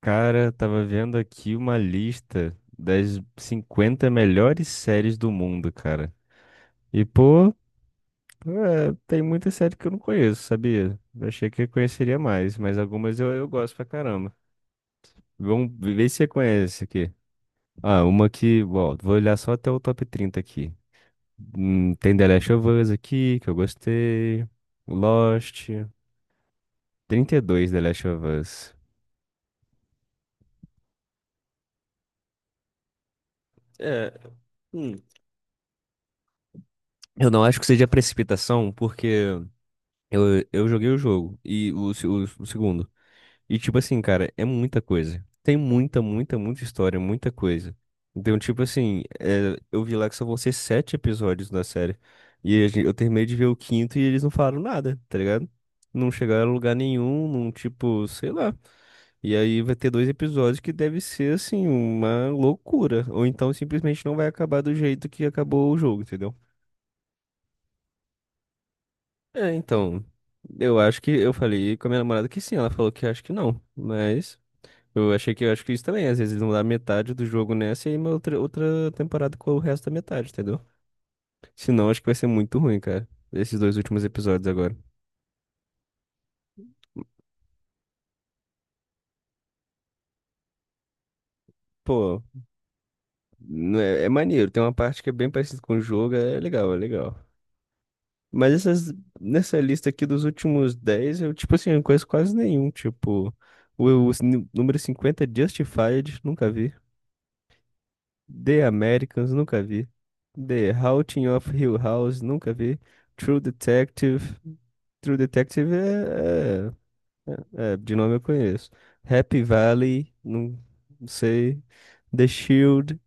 Cara, tava vendo aqui uma lista das 50 melhores séries do mundo, cara. E, pô, é, tem muita série que eu não conheço, sabia? Eu achei que eu conheceria mais, mas algumas eu gosto pra caramba. Vamos ver se você conhece aqui. Ah, uma que, ó, vou olhar só até o top 30 aqui. Tem The Last of Us aqui, que eu gostei. Lost. 32 The Last of Us. É, hum, eu não acho que seja precipitação, porque. Eu joguei o jogo e o, se- o segundo. E tipo assim, cara, é muita coisa. Tem muita, muita, muita história, muita coisa. Então, tipo assim, é, eu vi lá que só vão ser sete episódios da série. E eu terminei de ver o quinto e eles não falaram nada, tá ligado? Não chegaram a lugar nenhum, não, tipo, sei lá. E aí vai ter dois episódios que deve ser, assim, uma loucura. Ou então simplesmente não vai acabar do jeito que acabou o jogo, entendeu? É, então, eu acho que eu falei com a minha namorada que sim, ela falou que acho que não, mas eu achei que eu acho que isso também, às vezes eles vão dar metade do jogo nessa e aí uma outra temporada com o resto da metade, entendeu? Senão acho que vai ser muito ruim, cara, esses dois últimos episódios agora. Pô, não é, é maneiro, tem uma parte que é bem parecida com o jogo, é legal, é legal. Mas essas, nessa lista aqui dos últimos 10, eu, tipo assim, eu não conheço quase nenhum, tipo, o número 50, Justified, nunca vi. The Americans, nunca vi. The Haunting of Hill House, nunca vi. True Detective. True Detective é, é, de nome eu conheço. Happy Valley, não, não sei. The Shield,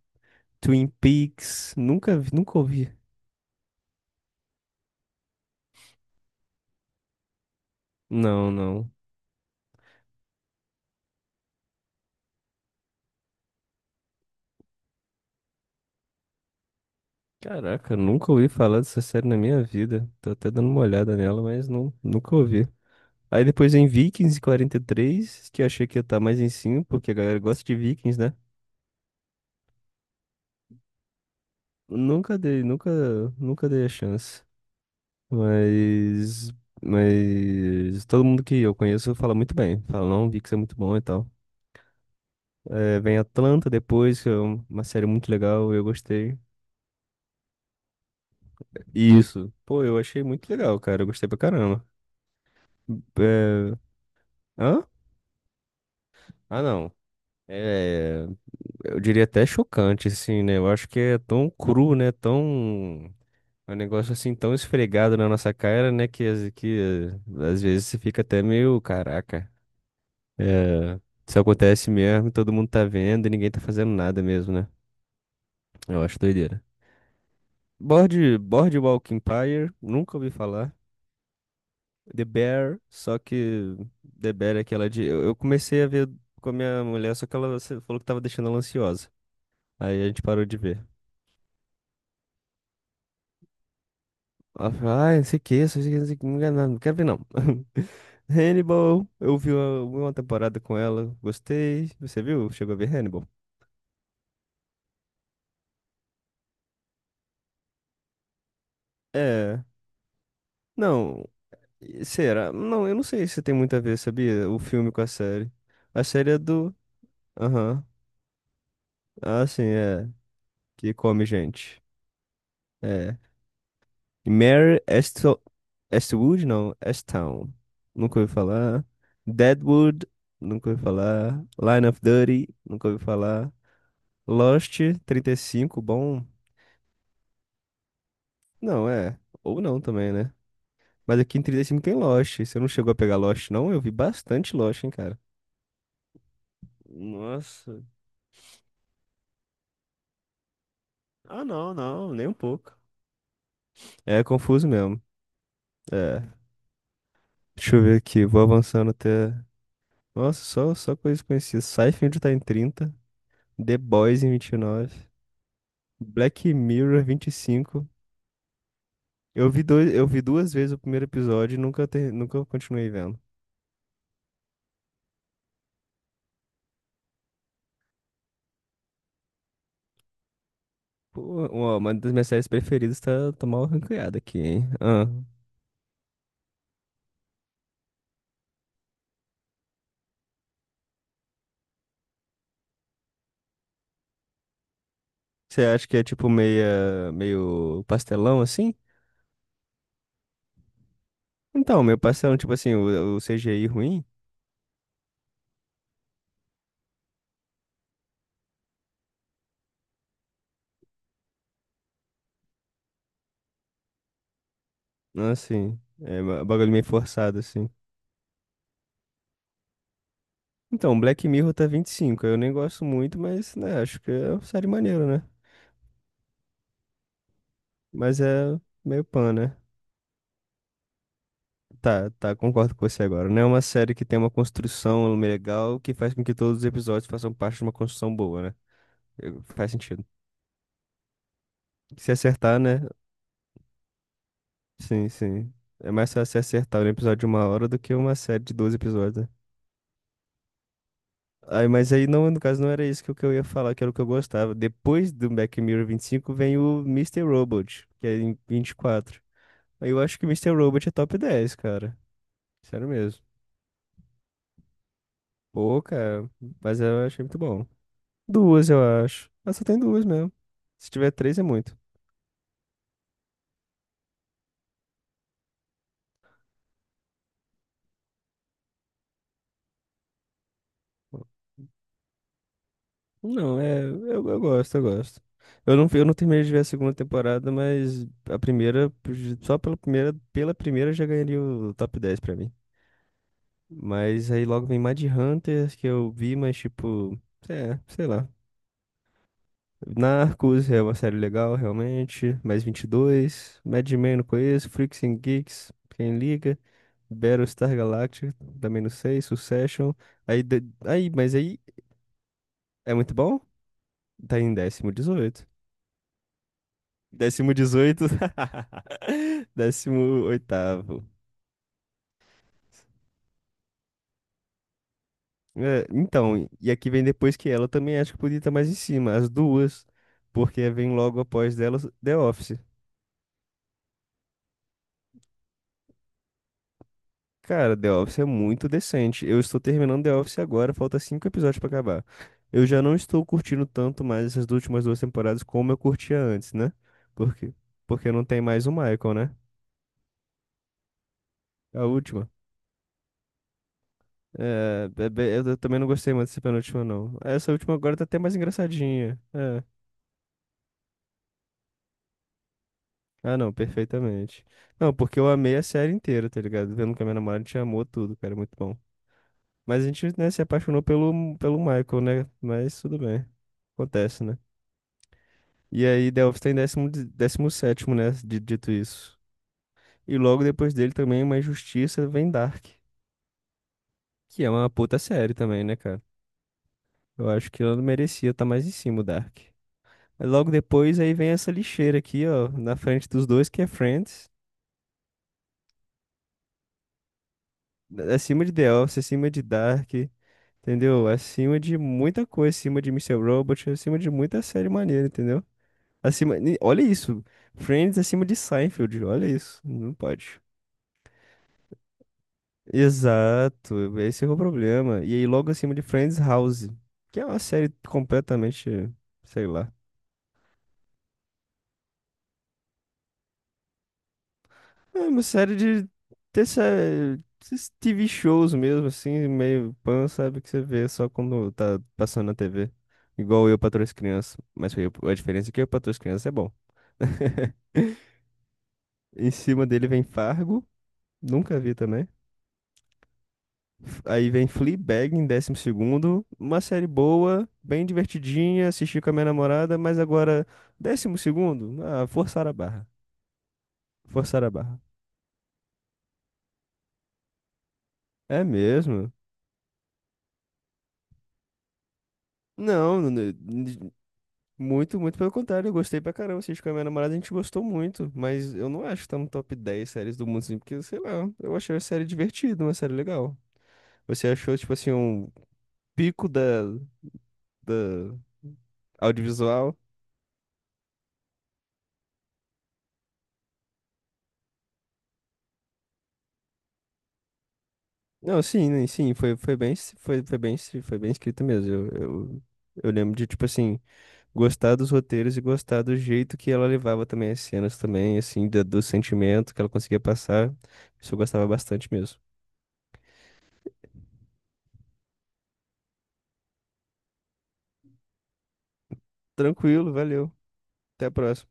Twin Peaks, nunca vi, nunca ouvi. Não, não. Caraca, nunca ouvi falar dessa série na minha vida. Tô até dando uma olhada nela, mas não, nunca ouvi. Aí depois em Vikings 43, que eu achei que ia estar mais em cima, porque a galera gosta de Vikings, né? Nunca dei, nunca, nunca dei a chance. Mas, mas todo mundo que eu conheço fala muito bem. Fala, não, Vix é muito bom e tal. É, vem Atlanta depois, que é uma série muito legal, eu gostei. E isso. Pô, eu achei muito legal, cara. Eu gostei pra caramba. É... Hã? Ah, não. É, eu diria até chocante, assim, né? Eu acho que é tão cru, né? Tão. É um negócio assim tão esfregado na nossa cara, né? Que, que às vezes você fica até meio, caraca. É, isso acontece mesmo, todo mundo tá vendo e ninguém tá fazendo nada mesmo, né? Eu acho doideira. Boardwalk Empire, nunca ouvi falar. The Bear, só que The Bear é aquela de. Eu comecei a ver com a minha mulher, só que ela se- falou que tava deixando ela ansiosa. Aí a gente parou de ver. Ela falou, ai, não sei o que, não sei o que, não sei o que, não quero não, não quero ver não. Hannibal, eu vi uma temporada com ela, gostei. Você viu? Chegou a ver Hannibal? É. Não. E Será? Não, eu não sei se tem muito a ver, sabia? O filme com a série. A série é do. Aham. Ah, sim, é. Que come gente. É. Mare Esto... Eastwood, não. Easttown. Nunca ouvi falar. Deadwood, nunca ouvi falar. Line of Duty, nunca ouvi falar. Lost trinta e cinco bom. Não, é. Ou não também, né? Mas aqui em 35 tem Lost. Você não chegou a pegar Lost, não? Eu vi bastante Lost, hein, cara. Nossa. Ah, não, não, nem um pouco. É confuso mesmo. É. Deixa eu ver aqui, vou avançando até. Nossa, só, só coisas conhecidas. Seinfeld tá em 30, The Boys em vinte e nove, Black Mirror vinte e cinco. Eu vi duas vezes o primeiro episódio e nunca continuei vendo. Pô, uma das minhas séries preferidas tá, tá mal ranqueada aqui, hein? Ah, você acha que é tipo meio pastelão assim? Então, meio pastelão, tipo assim, o CGI ruim? Ah, sim. É bagulho meio forçado assim. Então, Black Mirror tá 25. Eu nem gosto muito, mas, né, acho que é uma série maneira, né? Mas é meio pan, né? Tá, concordo com você agora. Não é uma série que tem uma construção legal que faz com que todos os episódios façam parte de uma construção boa, né? Faz sentido. Se acertar, né? Sim, sim. É mais fácil se acertar um episódio de uma hora do que uma série de 12 episódios, né? Aí, mas aí, não, no caso, não era isso que eu ia falar, que era o que eu gostava. Depois do Black Mirror 25 vem o Mister Robot, que é em 24. Eu acho que Mister Robot é top dez, cara. Sério mesmo. Pô, cara, mas eu achei muito bom. Duas, eu acho. Ah, só tem duas mesmo. Se tiver três, é muito. Não, é. Eu gosto, eu gosto. Eu não terminei de ver a segunda temporada, mas a primeira, só pela primeira já ganharia o top 10 pra mim. Mas aí logo vem Hunter que eu vi, mas tipo, é, sei lá. Narcos é uma série legal, realmente. Mais vinte e dois. Mad Men não conheço. Freaks and Geeks, quem liga? Battlestar Galactica, também não sei. Succession. Aí, de- aí, mas aí é muito bom? Tá em décimo 18. Décimo 18. Décimo oitavo. É, então, e aqui vem depois que ela também acho que podia estar mais em cima. As duas. Porque vem logo após delas The Office. Cara, The Office é muito decente. Eu estou terminando The Office agora, falta cinco episódios pra acabar. Eu já não estou curtindo tanto mais essas últimas duas temporadas como eu curtia antes, né? Por quê? Porque não tem mais o Michael, né? A última. É, eu também não gostei muito dessa penúltima, não. Essa última agora tá até mais engraçadinha. É. Ah, não, perfeitamente. Não, porque eu amei a série inteira, tá ligado? Vendo que a minha namorada te amou tudo, cara, é muito bom. Mas a gente, né, se apaixonou pelo Michael, né? Mas tudo bem, acontece, né? E aí Delphi está em décimo sétimo, né? Dito isso. E logo depois dele também uma injustiça vem Dark, que é uma puta série também, né, cara? Eu acho que ela não merecia estar mais em cima, o Dark. Logo depois aí vem essa lixeira aqui, ó, na frente dos dois, que é Friends. Acima de The Office, acima de Dark, entendeu? Acima de muita coisa, acima de Mister Robot, acima de muita série maneira, entendeu? Acima, e olha isso, Friends acima de Seinfeld, olha isso, não pode. Exato, esse é o problema. E aí, logo acima de Friends House, que é uma série completamente, sei lá. É uma série de dessa, esses TV shows mesmo, assim, meio pan, sabe? Que você vê só quando tá passando na TV. Igual eu patroa e as crianças. Mas foi a diferença é que eu patroa e as crianças é bom. Em cima dele vem Fargo, nunca vi também. Aí vem Fleabag em décimo segundo. Uma série boa, bem divertidinha, assisti com a minha namorada, mas agora, décimo segundo? Ah, forçar a barra. Forçar a barra. É mesmo? Não, muito, muito pelo contrário. Eu gostei pra caramba. Assisti com a minha namorada, a gente gostou muito. Mas eu não acho que tá no top 10 séries do mundo, assim, porque, sei lá, eu achei a série divertida, uma série legal. Você achou, tipo assim, um pico da audiovisual? Não, sim, né, sim, foi bem escrito mesmo. Eu lembro de, tipo assim, gostar dos roteiros e gostar do jeito que ela levava também as cenas também, assim, do sentimento que ela conseguia passar. Isso eu gostava bastante mesmo. Tranquilo, valeu. Até a próxima.